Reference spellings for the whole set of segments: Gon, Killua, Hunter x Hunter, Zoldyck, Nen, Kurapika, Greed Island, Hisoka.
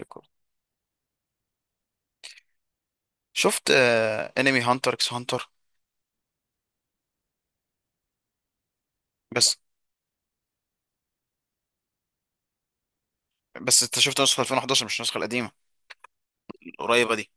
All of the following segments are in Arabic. ريكورد. شفت انمي هانتر اكس هانتر؟ بس، بس انت شفت نسخة 2011، مش النسخة القديمة القريبة دي.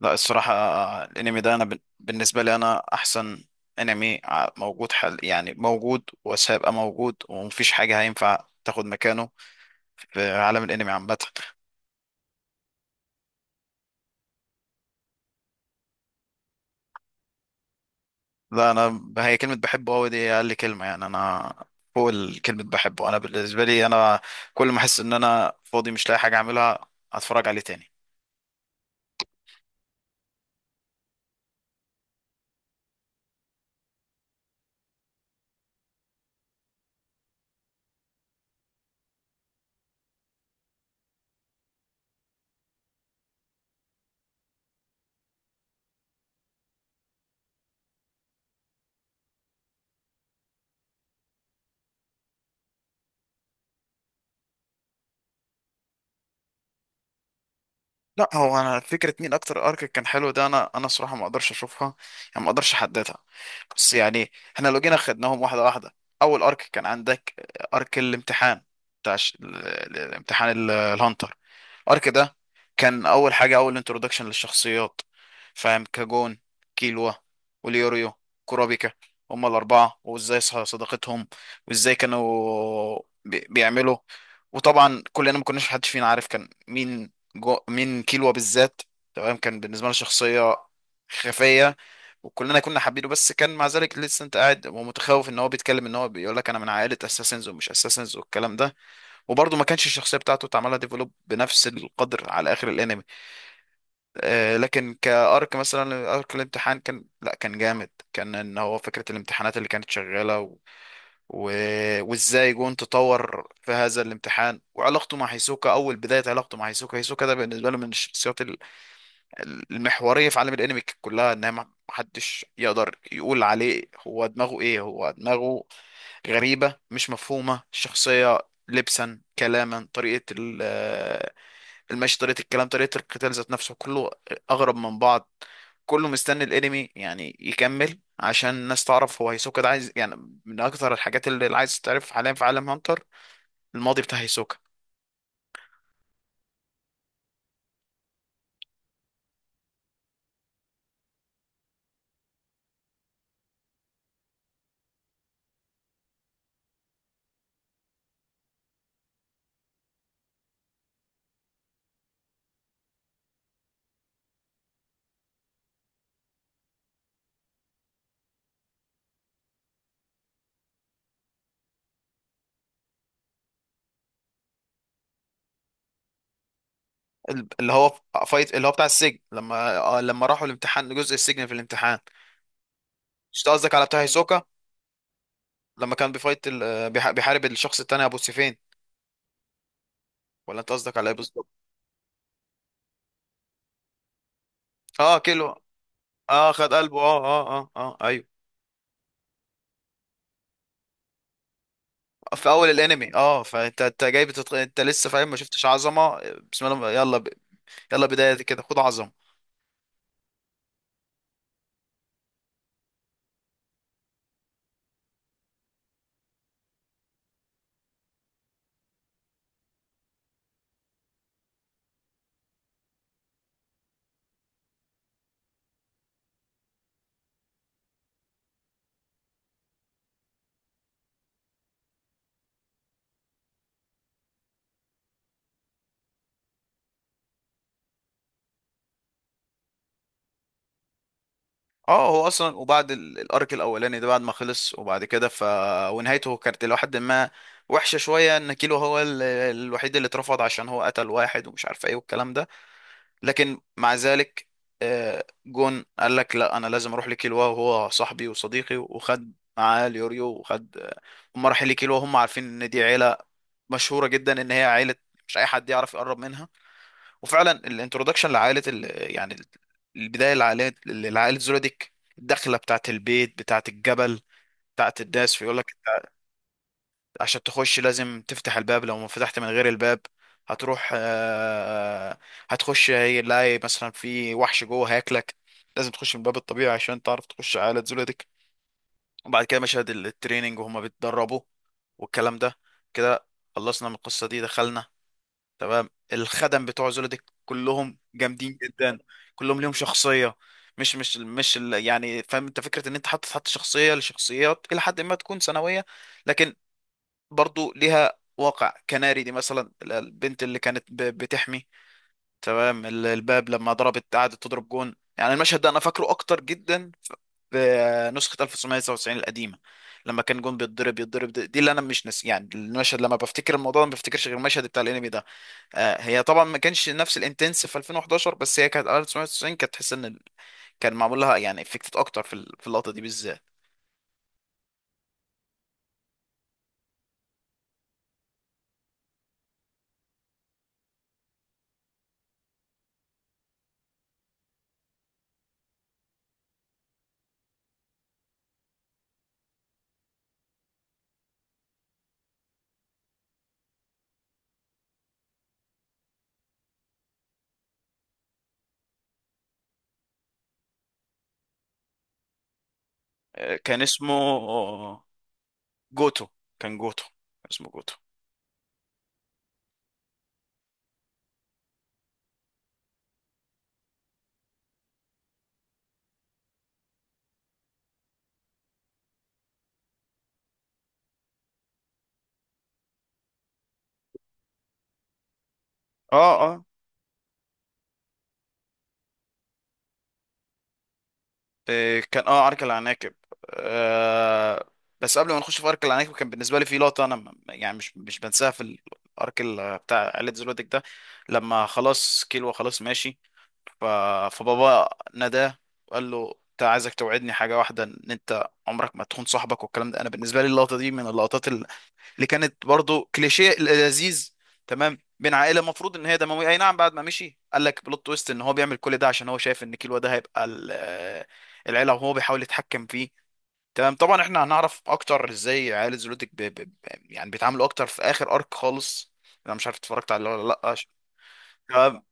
لا الصراحة، الانمي ده انا بالنسبة لي انا احسن انمي، موجود حل، يعني موجود وسيبقى موجود، ومفيش حاجة هينفع تاخد مكانه في عالم الانمي عامة. لا انا هي كلمة بحبه قوي دي اقل كلمة، يعني انا فوق الكلمة بحبه. انا بالنسبة لي انا كل ما احس ان انا فاضي مش لاقي حاجة اعملها، اتفرج عليه تاني. لا هو انا فكره مين اكتر ارك كان حلو ده، انا صراحه ما اقدرش اشوفها، يعني ما اقدرش احددها. بس يعني احنا لو جينا خدناهم واحده واحده، اول ارك كان عندك ارك الامتحان، بتاع الامتحان الهانتر. الارك ده كان اول حاجه، اول انترودكشن للشخصيات، فاهم؟ كاجون، كيلوا، وليوريو، كورابيكا. هما الاربعه، وازاي صداقتهم، وازاي كانوا بيعملوا. وطبعا كلنا ما كناش حدش فينا عارف كان مين جو من كيلوا بالذات. تمام، كان بالنسبه لنا شخصيه خفيه، وكلنا كنا حابينه. بس كان مع ذلك لسه انت قاعد ومتخوف ان هو بيتكلم، ان هو بيقول لك انا من عائله اساسنز ومش اساسنز والكلام ده. وبرضه ما كانش الشخصيه بتاعته اتعملها ديفلوب بنفس القدر على اخر الانمي. آه، لكن كارك مثلا ارك الامتحان كان، لا كان جامد، كان ان هو فكره الامتحانات اللي كانت شغاله و... وازاي جون تطور في هذا الامتحان، وعلاقته مع هيسوكا. اول بدايه علاقته مع هيسوكا، هيسوكا ده بالنسبه له من الشخصيات المحورية في عالم الانمي كلها. ان ما محدش يقدر يقول عليه هو دماغه ايه، هو دماغه غريبة، مش مفهومة الشخصية. لبسا كلاما، طريقة المشي، طريقة الكلام، طريقة القتال، ذات نفسه كله اغرب من بعض. كله مستني الانمي يعني يكمل عشان الناس تعرف هو هيسوكا ده عايز يعني، من اكتر الحاجات اللي عايز تعرف حاليا في عالم هانتر الماضي بتاع هيسوكا. اللي هو فايت اللي هو بتاع السجن، لما لما راحوا الامتحان، جزء السجن في الامتحان. مش أنت قصدك على بتاع هيسوكا لما كان بيفايت بيحارب الشخص التاني، ابو سيفين؟ ولا انت قصدك على ايه بالظبط؟ اه كيلو، اه خد قلبه، اه اه اه اه ايوه. في اول الانمي، اه فانت انت جاي انت لسه فاهم، ما شفتش عظمه. بسم الله، يلا بدايه كده خد عظمه. اه هو اصلا، وبعد الارك الاولاني ده، بعد ما خلص وبعد كده ف، ونهايته كانت الى حد ما وحشه شويه، ان كيلو هو الوحيد اللي اترفض عشان هو قتل واحد ومش عارف ايه والكلام ده. لكن مع ذلك، جون قال لك لا انا لازم اروح لكيلوا، وهو صاحبي وصديقي، وخد معاه اليوريو وخد، هم رايحين لكيلوا وهم عارفين ان دي عيله مشهوره جدا، ان هي عيله مش اي حد يعرف يقرب منها. وفعلا الانترودكشن لعائله يعني البدايه لعائله، لعائله زولوديك، الدخله بتاعت البيت، بتاعت الجبل، بتاعت الناس. فيقول لك عشان تخش لازم تفتح الباب، لو ما فتحت من غير الباب هتروح، هتخش هيلاقي مثلا في وحش جوه هياكلك، لازم تخش من الباب الطبيعي عشان تعرف تخش على زولتك. وبعد كده مشاهد التريننج وهما بيتدربوا والكلام ده كده، خلصنا من القصة دي دخلنا. تمام، الخدم بتوع زولتك كلهم جامدين جدا، كلهم ليهم شخصية. مش مش مش ال- يعني فاهم انت فكرة ان انت حاطط، حط شخصية لشخصيات الى حد ما تكون ثانوية، لكن برضو ليها واقع. كناري دي مثلا، البنت اللي كانت بتحمي تمام الباب، لما ضربت قعدت تضرب جون، يعني المشهد ده انا فاكره اكتر جدا في نسخة 1999 القديمة. لما كان جون بيتضرب يتضرب، دي اللي انا مش ناسي يعني المشهد. لما بفتكر الموضوع ده ما بفتكرش غير المشهد بتاع الانمي ده. آه، هي طبعا ما كانش نفس الانتنس في 2011، بس هي كانت 1999 كانت تحس ان كان معمول لها يعني افكتد اكتر في في اللقطة دي بالذات. كان اسمه جوتو، كان جوتو، اسمه جوتو. اه اه إيه، كان اه عرك العناكب. آه، بس قبل ما نخش في عرك العناكب كان بالنسبه لي في لقطه انا يعني مش بنساها في الارك بتاع عائله زلوتك ده، لما خلاص كيلو خلاص ماشي. ف... فبابا ناداه وقال له انت، عايزك توعدني حاجه واحده، ان انت عمرك ما تخون صاحبك والكلام ده. انا بالنسبه لي اللقطه دي من اللقطات اللي كانت برضو كليشيه لذيذ تمام بين عائله المفروض ان هي دمويه، اي نعم بعد ما مشي قال لك بلوت تويست ان هو بيعمل كل ده عشان هو شايف ان كيلو ده هيبقى العيله، وهو بيحاول يتحكم فيه. تمام، طبعا احنا هنعرف اكتر ازاي عائله زولوتك يعني بيتعاملوا اكتر في اخر ارك خالص، انا مش عارف اتفرجت عليه ولا لا عشان. تمام،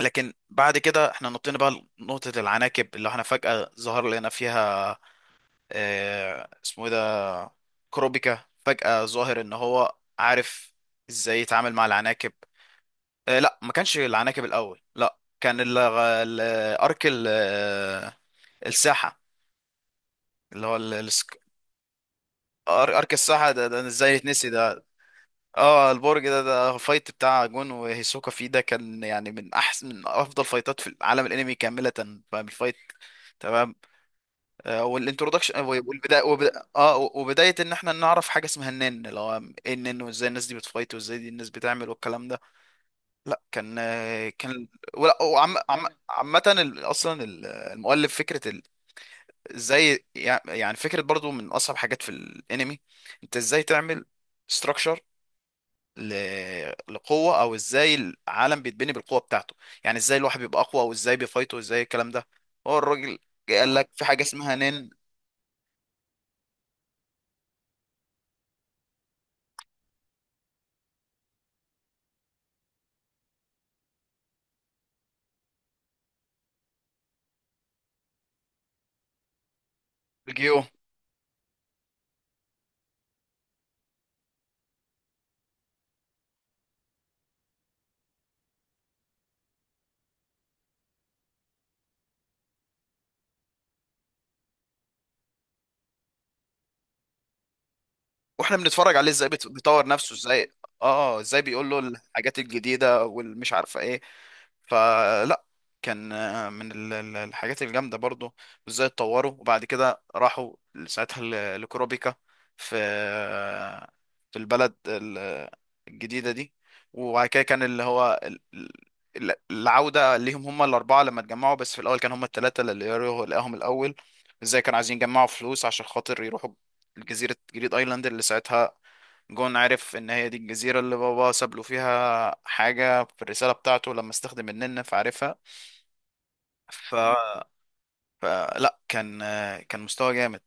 لكن بعد كده احنا نطينا بقى نقطة العناكب، اللي احنا فجأة ظهر لنا فيها، اه اسمه ايه ده، كروبيكا، فجأة ظاهر ان هو عارف ازاي يتعامل مع العناكب. آه لا ما كانش العناكب الاول، لا كان ارك الساحة، اللي هو ارك الساحة ده، ده ازاي يتنسي ده! اه البرج ده، ده فايت بتاع جون وهيسوكا فيه. ده كان يعني من احسن، من افضل فايتات في العالم الانمي كاملة، فاهم الفايت؟ تمام. والانترودكشن والبدايه، وبدايه ان احنا نعرف حاجه اسمها النن، اللي هو ايه النن، وازاي الناس دي بتفايت، وازاي دي الناس بتعمل والكلام ده. لا كان، ولا وعم عامه اصلا المؤلف فكره ازاي يعني فكره برضو من اصعب حاجات في الانمي. انت ازاي تعمل ستراكشر ل... لقوه، او ازاي العالم بيتبني بالقوه بتاعته. يعني ازاي الواحد بيبقى اقوى، وازاي بيفايته، وازاي الكلام ده. هو الراجل قال لك في حاجه اسمها نن، الجيو. واحنا بنتفرج عليه ازاي بيطور نفسه ازاي، اه ازاي بيقول له الحاجات الجديده والمش عارفه ايه. فلا كان، من الحاجات الجامدة برضو. وازاي اتطوروا، وبعد كده راحوا ساعتها لكروبيكا في، في البلد الجديدة دي. وبعد كده كان اللي هو العودة ليهم هم الأربعة لما اتجمعوا. بس في الأول كان هم التلاتة اللي يروحوا لقاهم الأول، ازاي كانوا عايزين يجمعوا فلوس عشان خاطر يروحوا جزيرة جريد ايلاند، اللي ساعتها جون عرف ان هي دي الجزيرة اللي بابا ساب له فيها حاجة في الرسالة بتاعته لما استخدم النن فعرفها. ف... فلا كان كان مستوى جامد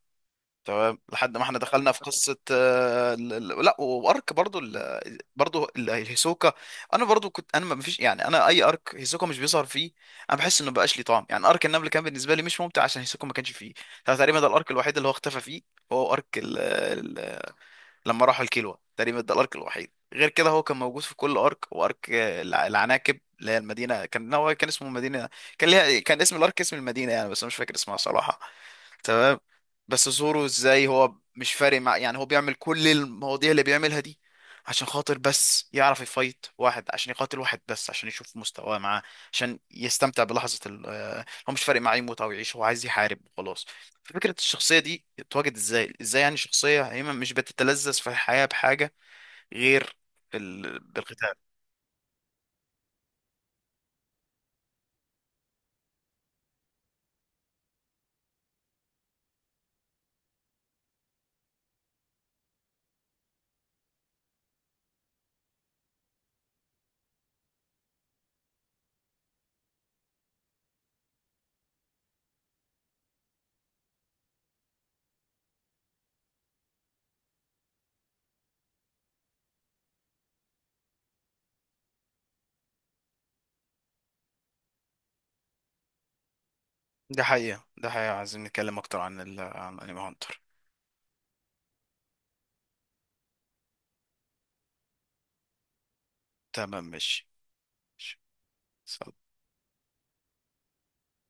تمام، لحد ما احنا دخلنا في قصة، لا وارك برضو برضو هيسوكا. انا برضو كنت انا ما فيش يعني، انا اي ارك هيسوكا مش بيظهر فيه انا بحس انه مبقاش ليه طعم. يعني ارك النمل كان بالنسبة لي مش ممتع عشان هيسوكا ما كانش فيه. ده تقريبا ده الارك الوحيد اللي هو اختفى فيه، هو ارك لما راحوا الكيلوا. تقريبا ده الارك الوحيد، غير كده هو كان موجود في كل ارك وارك. العناكب اللي هي المدينه كان هو كان اسمه مدينه، كان ليها كان اسم الارك اسم المدينه يعني، بس أنا مش فاكر اسمها صراحه. تمام، بس زورو ازاي هو مش فارق مع، يعني هو بيعمل كل المواضيع اللي بيعملها دي عشان خاطر بس يعرف يفايت واحد، عشان يقاتل واحد بس عشان يشوف مستواه معاه، عشان يستمتع بلحظة ال آه، هو مش فارق معاه يموت او يعيش، هو عايز يحارب وخلاص. فكرة الشخصية دي اتواجد ازاي، ازاي يعني شخصية هي مش بتتلذذ في الحياة بحاجة غير بالقتال. ده حقيقة، ده حقيقة، عايزين نتكلم اكتر عن عن انمي هانتر. تمام ماشي، ماشي. سلام.